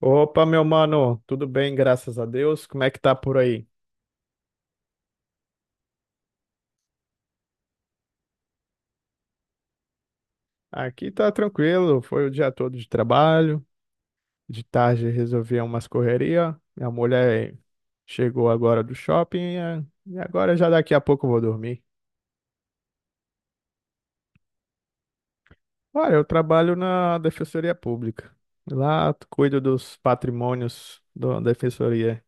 Opa, meu mano, tudo bem, graças a Deus. Como é que tá por aí? Aqui tá tranquilo, foi o dia todo de trabalho. De tarde resolvi umas correria. Minha mulher chegou agora do shopping, e agora já daqui a pouco eu vou dormir. Olha, eu trabalho na Defensoria Pública. Lá cuido dos patrimônios da Defensoria.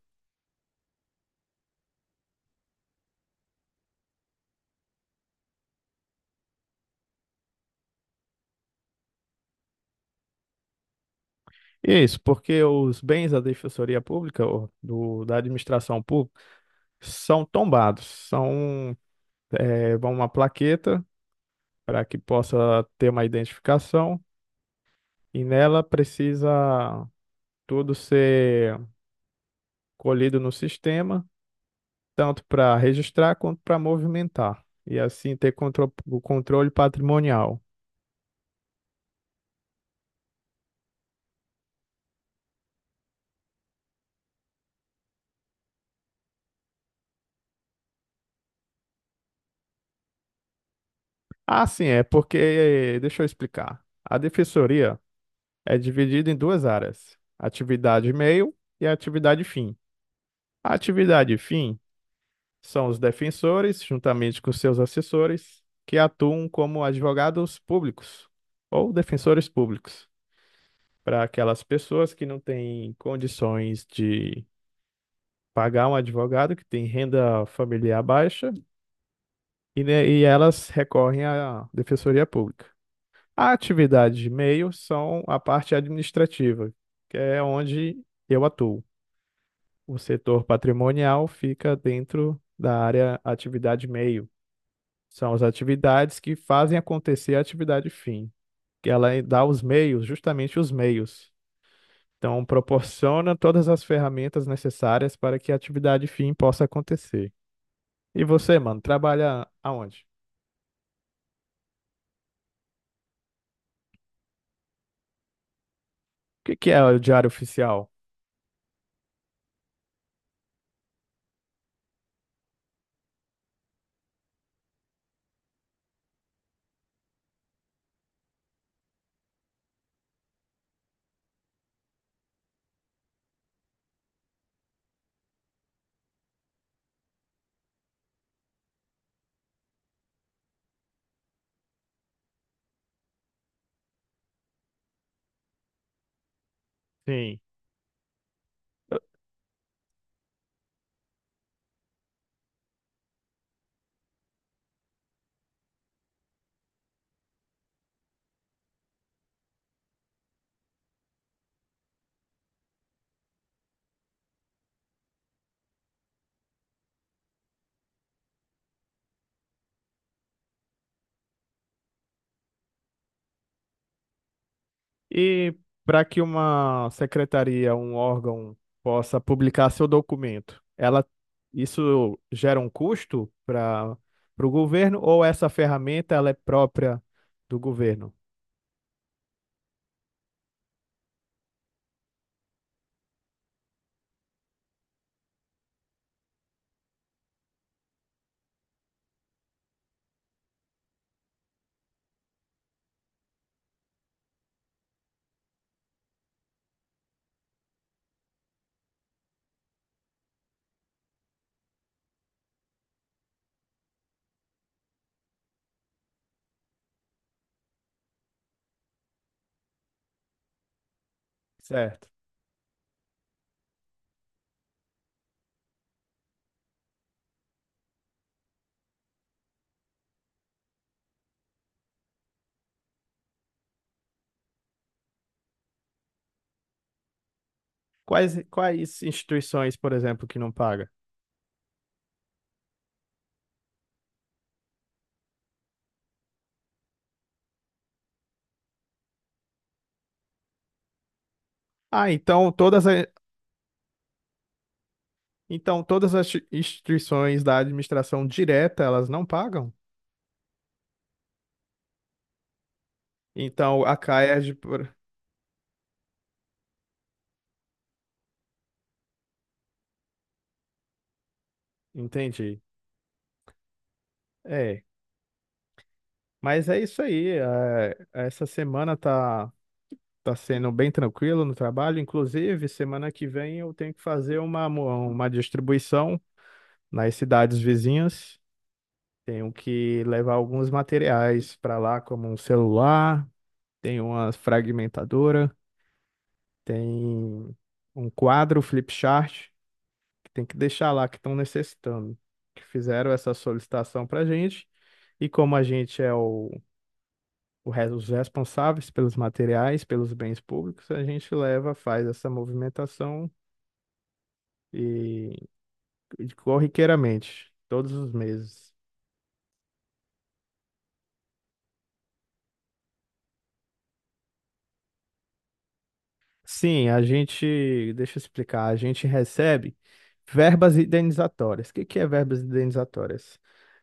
Isso, porque os bens da Defensoria Pública, ou da administração pública, são tombados, vão uma plaqueta para que possa ter uma identificação, e nela precisa tudo ser colhido no sistema, tanto para registrar quanto para movimentar, e assim ter o controle patrimonial. Ah, sim, é porque, deixa eu explicar. A defensoria é dividida em duas áreas: atividade meio e atividade fim. A atividade fim são os defensores, juntamente com seus assessores, que atuam como advogados públicos ou defensores públicos para aquelas pessoas que não têm condições de pagar um advogado, que tem renda familiar baixa, e, né, e elas recorrem à defensoria pública. A atividade de meio são a parte administrativa, que é onde eu atuo. O setor patrimonial fica dentro da área atividade meio. São as atividades que fazem acontecer a atividade fim. Que Ela dá os meios, justamente os meios. Então, proporciona todas as ferramentas necessárias para que a atividade fim possa acontecer. E você, mano, trabalha aonde? O que que é o diário oficial? Sim. E para que uma secretaria, um órgão, possa publicar seu documento, ela isso gera um custo para o governo, ou essa ferramenta ela é própria do governo? Certo. Quais instituições, por exemplo, que não paga? Ah, então todas as instituições da administração direta, elas não pagam? Então a CAERD, por... Entendi. É, mas é isso aí. Essa semana tá sendo bem tranquilo no trabalho. Inclusive, semana que vem eu tenho que fazer uma distribuição nas cidades vizinhas. Tenho que levar alguns materiais para lá, como um celular, tem uma fragmentadora, tem um quadro flip chart que tem que deixar lá que estão necessitando, que fizeram essa solicitação para a gente. E como a gente é os responsáveis pelos materiais, pelos bens públicos, a gente leva, faz essa movimentação e e corriqueiramente, todos os meses. Sim, a gente, deixa eu explicar, a gente recebe verbas indenizatórias. O que que é verbas indenizatórias?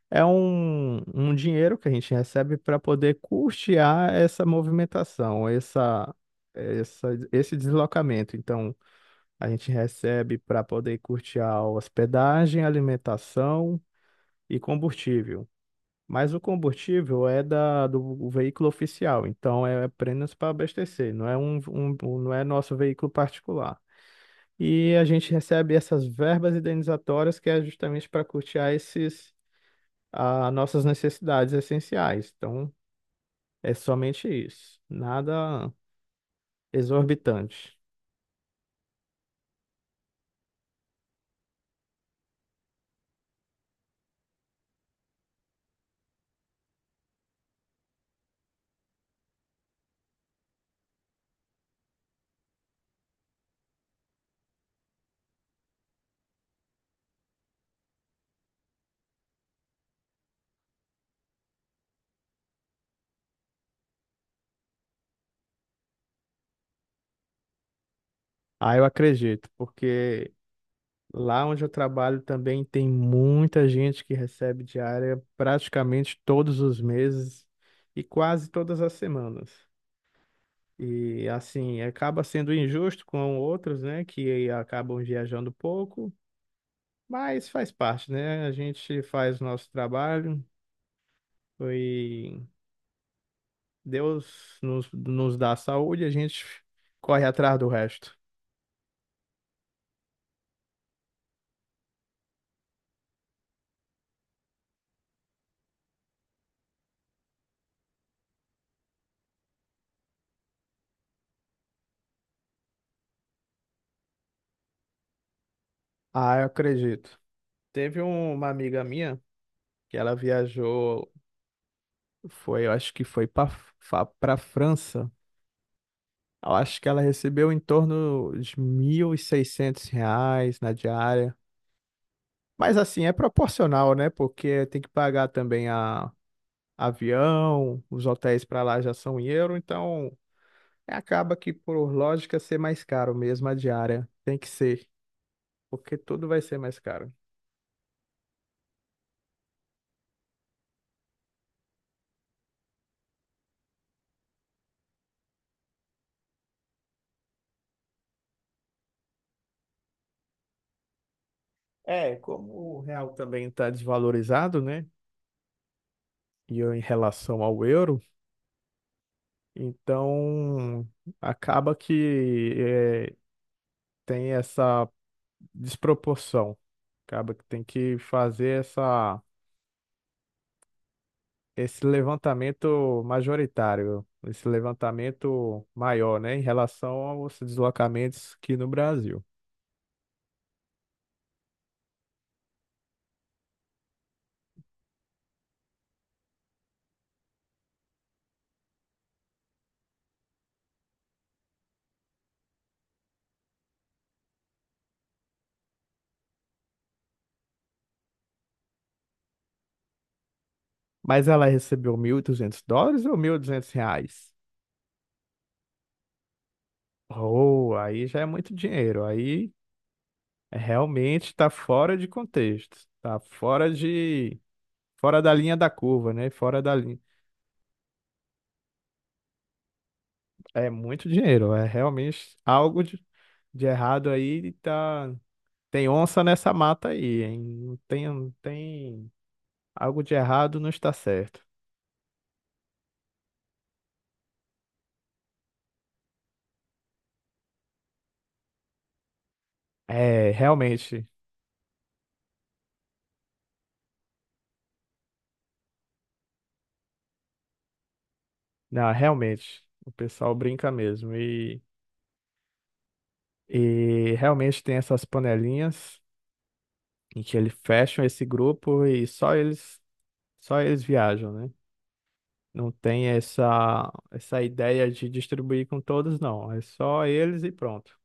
É um dinheiro que a gente recebe para poder custear essa movimentação, esse deslocamento. Então, a gente recebe para poder custear a hospedagem, alimentação e combustível. Mas o combustível é do veículo oficial, então é apenas para abastecer, não é não é nosso veículo particular. E a gente recebe essas verbas indenizatórias que é justamente para custear esses a nossas necessidades essenciais. Então, é somente isso, nada exorbitante. Ah, eu acredito, porque lá onde eu trabalho também tem muita gente que recebe diária praticamente todos os meses e quase todas as semanas. E assim, acaba sendo injusto com outros, né, que acabam viajando pouco, mas faz parte, né? A gente faz o nosso trabalho. Foi Deus nos dá saúde, a gente corre atrás do resto. Ah, eu acredito. Teve uma amiga minha que ela viajou, foi, eu acho que foi para França. Eu acho que ela recebeu em torno de R$ 1.600 na diária. Mas assim, é proporcional, né? Porque tem que pagar também a avião, os hotéis para lá já são em euro, então acaba que por lógica ser mais caro mesmo a diária. Tem que ser. Porque tudo vai ser mais caro. É, como o real também está desvalorizado, né? E eu em relação ao euro, então acaba que é, tem essa desproporção. Acaba que tem que fazer essa, esse levantamento majoritário, esse levantamento maior, né? Em relação aos deslocamentos aqui no Brasil. Mas ela recebeu US$ 1.200 ou R$ 1.200? Oh, aí já é muito dinheiro. Aí é realmente está fora de contexto. Está fora de... Fora da linha da curva, né? Fora da linha. É muito dinheiro. É realmente algo de errado aí. Tá... Tem onça nessa mata aí, hein? Não tem, não tem... Algo de errado não está certo. É, realmente. Não, realmente. O pessoal brinca mesmo. E realmente tem essas panelinhas em que eles fecham esse grupo e só eles viajam, né? Não tem essa ideia de distribuir com todos, não. É só eles e pronto.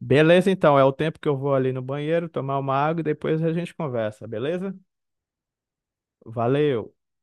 Beleza, então. É o tempo que eu vou ali no banheiro tomar uma água e depois a gente conversa, beleza? Valeu!